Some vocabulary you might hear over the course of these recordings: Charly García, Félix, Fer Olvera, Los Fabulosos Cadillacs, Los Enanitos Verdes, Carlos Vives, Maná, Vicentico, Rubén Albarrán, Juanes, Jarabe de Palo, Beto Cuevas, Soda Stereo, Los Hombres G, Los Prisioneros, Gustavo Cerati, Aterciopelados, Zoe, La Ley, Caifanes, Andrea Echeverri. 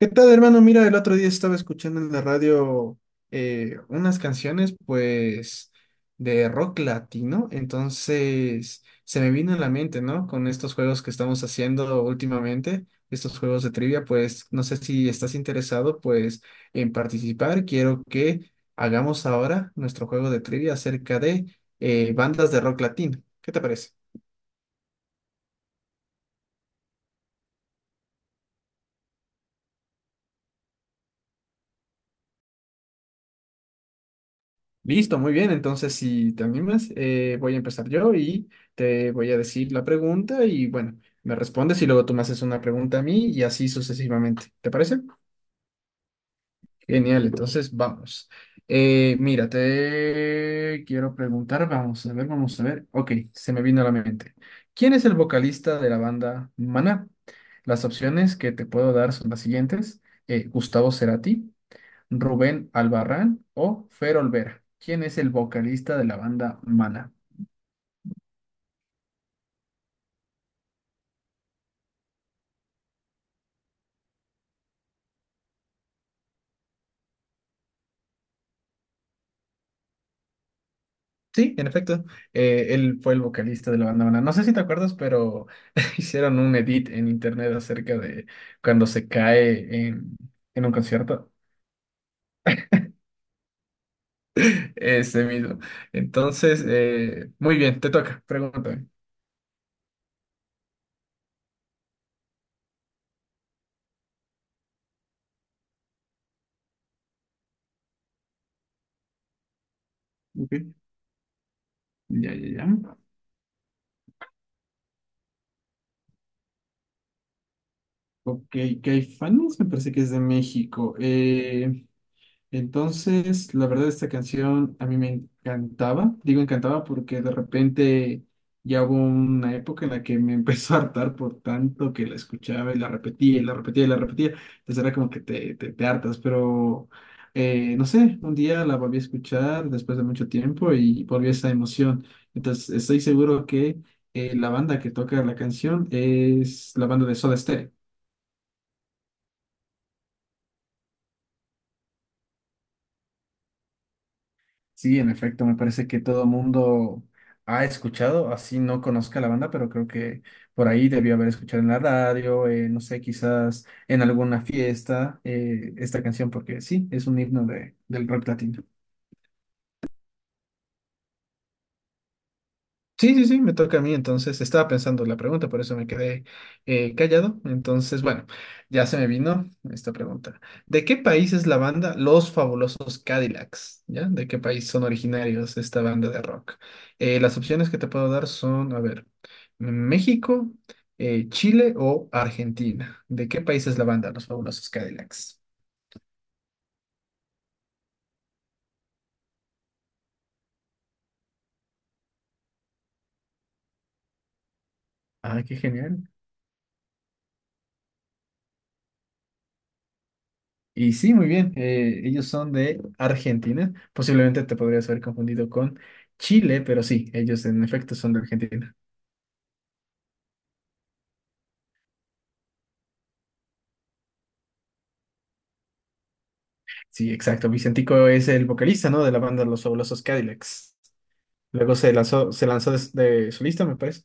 ¿Qué tal, hermano? Mira, el otro día estaba escuchando en la radio unas canciones, pues, de rock latino. Entonces, se me vino a la mente, ¿no? Con estos juegos que estamos haciendo últimamente, estos juegos de trivia, pues, no sé si estás interesado, pues, en participar. Quiero que hagamos ahora nuestro juego de trivia acerca de bandas de rock latino. ¿Qué te parece? Listo, muy bien. Entonces, si te animas, voy a empezar yo y te voy a decir la pregunta y bueno, me respondes y luego tú me haces una pregunta a mí y así sucesivamente. ¿Te parece? Genial, entonces vamos. Mira, te quiero preguntar, vamos a ver, vamos a ver. Ok, se me vino a la mente. ¿Quién es el vocalista de la banda Maná? Las opciones que te puedo dar son las siguientes. Gustavo Cerati. Rubén Albarrán o Fer Olvera, quien es el vocalista de la banda Mana? Sí, en efecto, él fue el vocalista de la banda Mana. No sé si te acuerdas, pero hicieron un edit en internet acerca de cuando se cae en un concierto. Ese mismo. Entonces, muy bien, te toca, pregúntame. Ok, ya, ya, ya. Ok, Caifanes me parece que es de México. Entonces, la verdad, esta canción a mí me encantaba. Digo encantaba porque de repente ya hubo una época en la que me empezó a hartar por tanto que la escuchaba y la repetía y la repetía y la repetía. Entonces era como que te hartas, pero no sé, un día la volví a escuchar después de mucho tiempo y volví a esa emoción. Entonces, estoy seguro que la banda que toca la canción es la banda de Soda Stereo. Sí, en efecto, me parece que todo mundo ha escuchado, así no conozca la banda, pero creo que por ahí debió haber escuchado en la radio, no sé, quizás en alguna fiesta, esta canción, porque sí, es un himno de, del rock latino. Sí, sí, sí, me toca a mí, entonces estaba pensando la pregunta, por eso me quedé callado. Entonces, bueno, ya se me vino esta pregunta. ¿De qué país es la banda Los Fabulosos Cadillacs? ¿Ya? ¿De qué país son originarios esta banda de rock? Las opciones que te puedo dar son, a ver, México, Chile o Argentina. ¿De qué país es la banda Los Fabulosos Cadillacs? Ah, qué genial. Y sí, muy bien. Ellos son de Argentina. Posiblemente te podrías haber confundido con Chile, pero sí, ellos en efecto son de Argentina. Sí, exacto. Vicentico es el vocalista, ¿no? De la banda Los Fabulosos Cadillacs. Luego se lanzó de solista, me parece.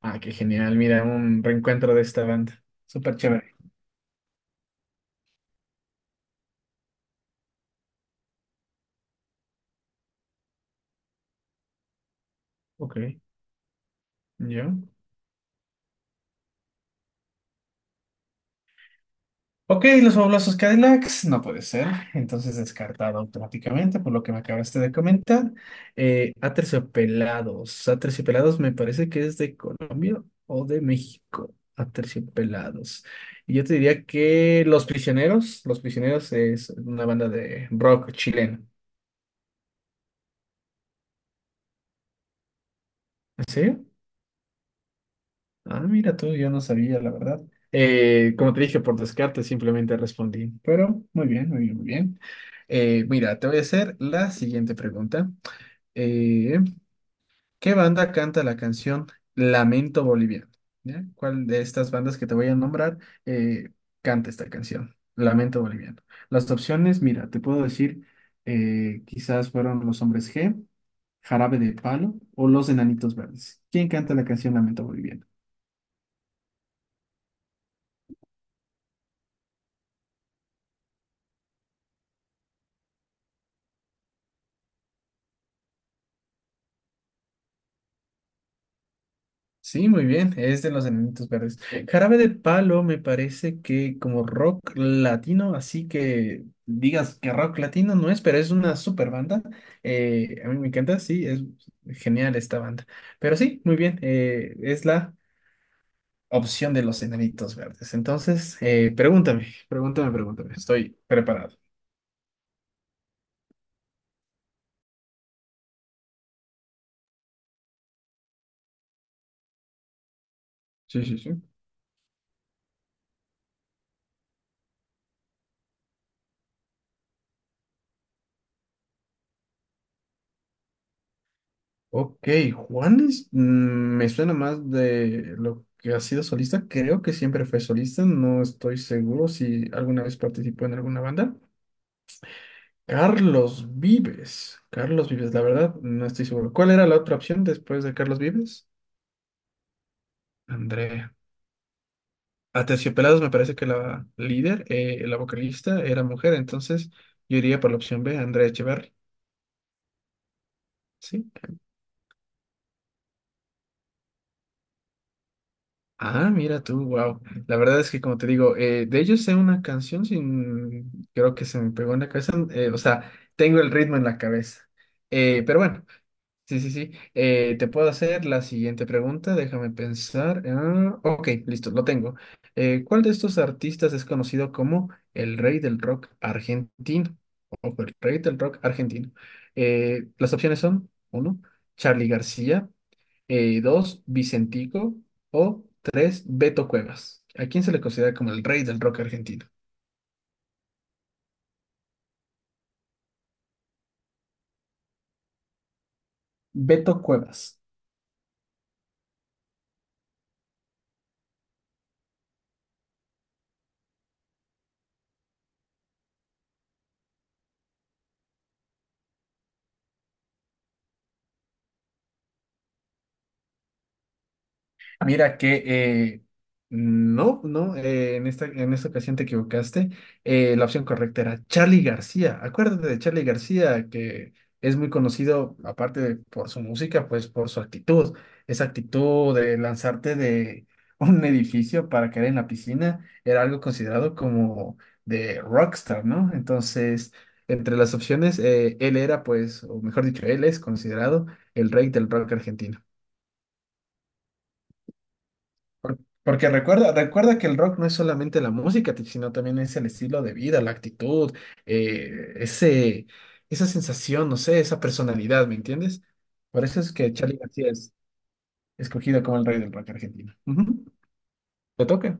Ah, qué genial. Mira, un reencuentro de esta banda. Súper chévere. Ok. ¿Yo? Ok, los fabulosos Cadillacs, no puede ser. Entonces descartado automáticamente por lo que me acabaste de comentar. Aterciopelados. Aterciopelados me parece que es de Colombia o de México. Aterciopelados. Y yo te diría que Los Prisioneros. Los Prisioneros es una banda de rock chileno. ¿En serio? Ah, mira tú, yo no sabía, la verdad. Como te dije, por descarte simplemente respondí. Pero muy bien, muy bien, muy bien. Mira, te voy a hacer la siguiente pregunta. Eh, ¿Qué banda canta la canción Lamento Boliviano? ¿Ya? ¿Cuál de estas bandas que te voy a nombrar eh, canta esta canción? Lamento Boliviano. Las opciones, mira, te puedo decir, quizás fueron Los Hombres G, Jarabe de Palo o Los Enanitos Verdes. ¿Quién canta la canción Lamento Boliviano? Sí, muy bien, es de los Enanitos Verdes. Jarabe de Palo me parece que como rock latino, así que digas que rock latino no es, pero es una super banda. A mí me encanta, sí, es genial esta banda. Pero sí, muy bien, es la opción de los Enanitos Verdes. Entonces, pregúntame, pregúntame, pregúntame, estoy preparado. Sí, sí, sí. Ok, Juanes, mm, me suena más de lo que ha sido solista. Creo que siempre fue solista, no estoy seguro si alguna vez participó en alguna banda. Carlos Vives, la verdad, no estoy seguro. ¿Cuál era la otra opción después de Carlos Vives? Andrea. Aterciopelados me parece que la líder, la vocalista, era mujer, entonces yo iría por la opción B, Andrea Echeverri. ¿Sí? Ah, mira tú, wow. La verdad es que como te digo, de ellos sé una canción sin, creo que se me pegó en la cabeza, o sea, tengo el ritmo en la cabeza. Pero bueno, sí, sí, sí. Te puedo hacer la siguiente pregunta, déjame pensar. Ah, ok, listo, lo tengo. ¿Cuál de estos artistas es conocido como el rey del rock argentino? O el rey del rock argentino. Las opciones son, uno, Charly García dos, Vicentico o tres, Beto Cuevas. ¿A quién se le considera como el rey del rock argentino? Beto Cuevas. Mira que no, no, en esta ocasión te equivocaste. La opción correcta era Charly García. Acuérdate de Charly García, que es muy conocido, aparte de por su música, pues por su actitud. Esa actitud de lanzarte de un edificio para caer en la piscina era algo considerado como de rockstar, ¿no? Entonces, entre las opciones, él era, pues, o mejor dicho, él es considerado el rey del rock argentino. Porque recuerda, recuerda que el rock no es solamente la música, sino también es el estilo de vida, la actitud, eh, ese, esa sensación, no sé, esa personalidad, ¿me entiendes? Por eso es que Charlie García es escogido como el rey del rock argentino. Ujú. Te toca.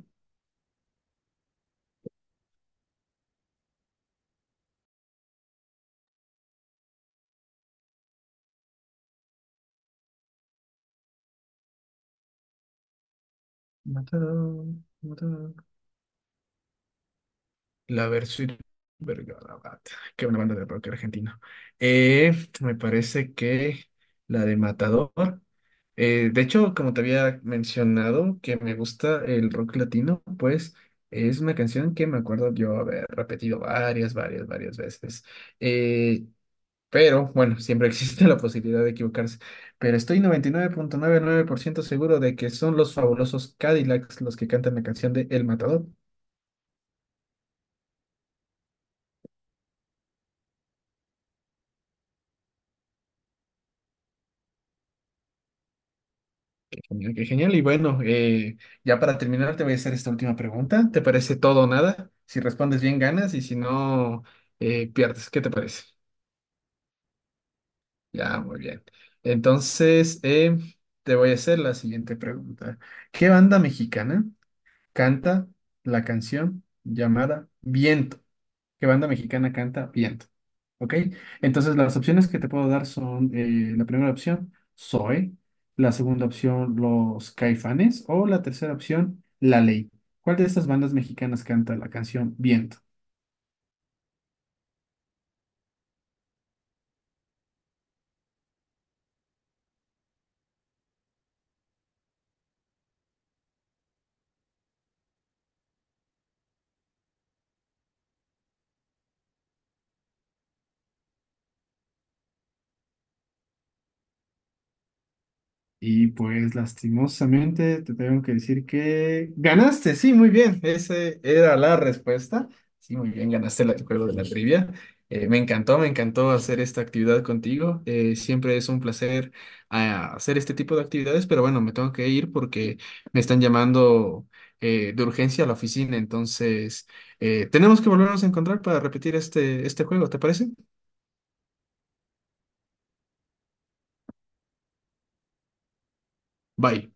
Mataron, mataron. La Versuit Vergarabat. Qué buena banda de rock argentino. Eh, me parece que la de Matador. De hecho, como te había mencionado que me gusta el rock latino, pues es una canción que me acuerdo yo haber repetido varias veces. Eh, pero bueno, siempre existe la posibilidad de equivocarse. Pero estoy 99.99% seguro de que son los fabulosos Cadillacs los que cantan la canción de El Matador. Genial, qué genial. Y bueno, ya para terminar te voy a hacer esta última pregunta. ¿Te parece todo o nada? Si respondes bien, ganas y si no, pierdes. ¿Qué te parece? Ya, muy bien. Entonces, te voy a hacer la siguiente pregunta. ¿Qué banda mexicana canta la canción llamada Viento? ¿Qué banda mexicana canta Viento? ¿Ok? Entonces las opciones que te puedo dar son la primera opción, Zoe, la segunda opción, los Caifanes, o la tercera opción, La Ley. ¿Cuál de estas bandas mexicanas canta la canción Viento? Y pues lastimosamente te tengo que decir que ganaste, sí, muy bien, esa era la respuesta. Sí, muy bien, ganaste el juego de la trivia. Me encantó hacer esta actividad contigo. Siempre es un placer hacer este tipo de actividades, pero bueno, me tengo que ir porque me están llamando de urgencia a la oficina. Entonces, tenemos que volvernos a encontrar para repetir este juego, ¿te parece? Bye.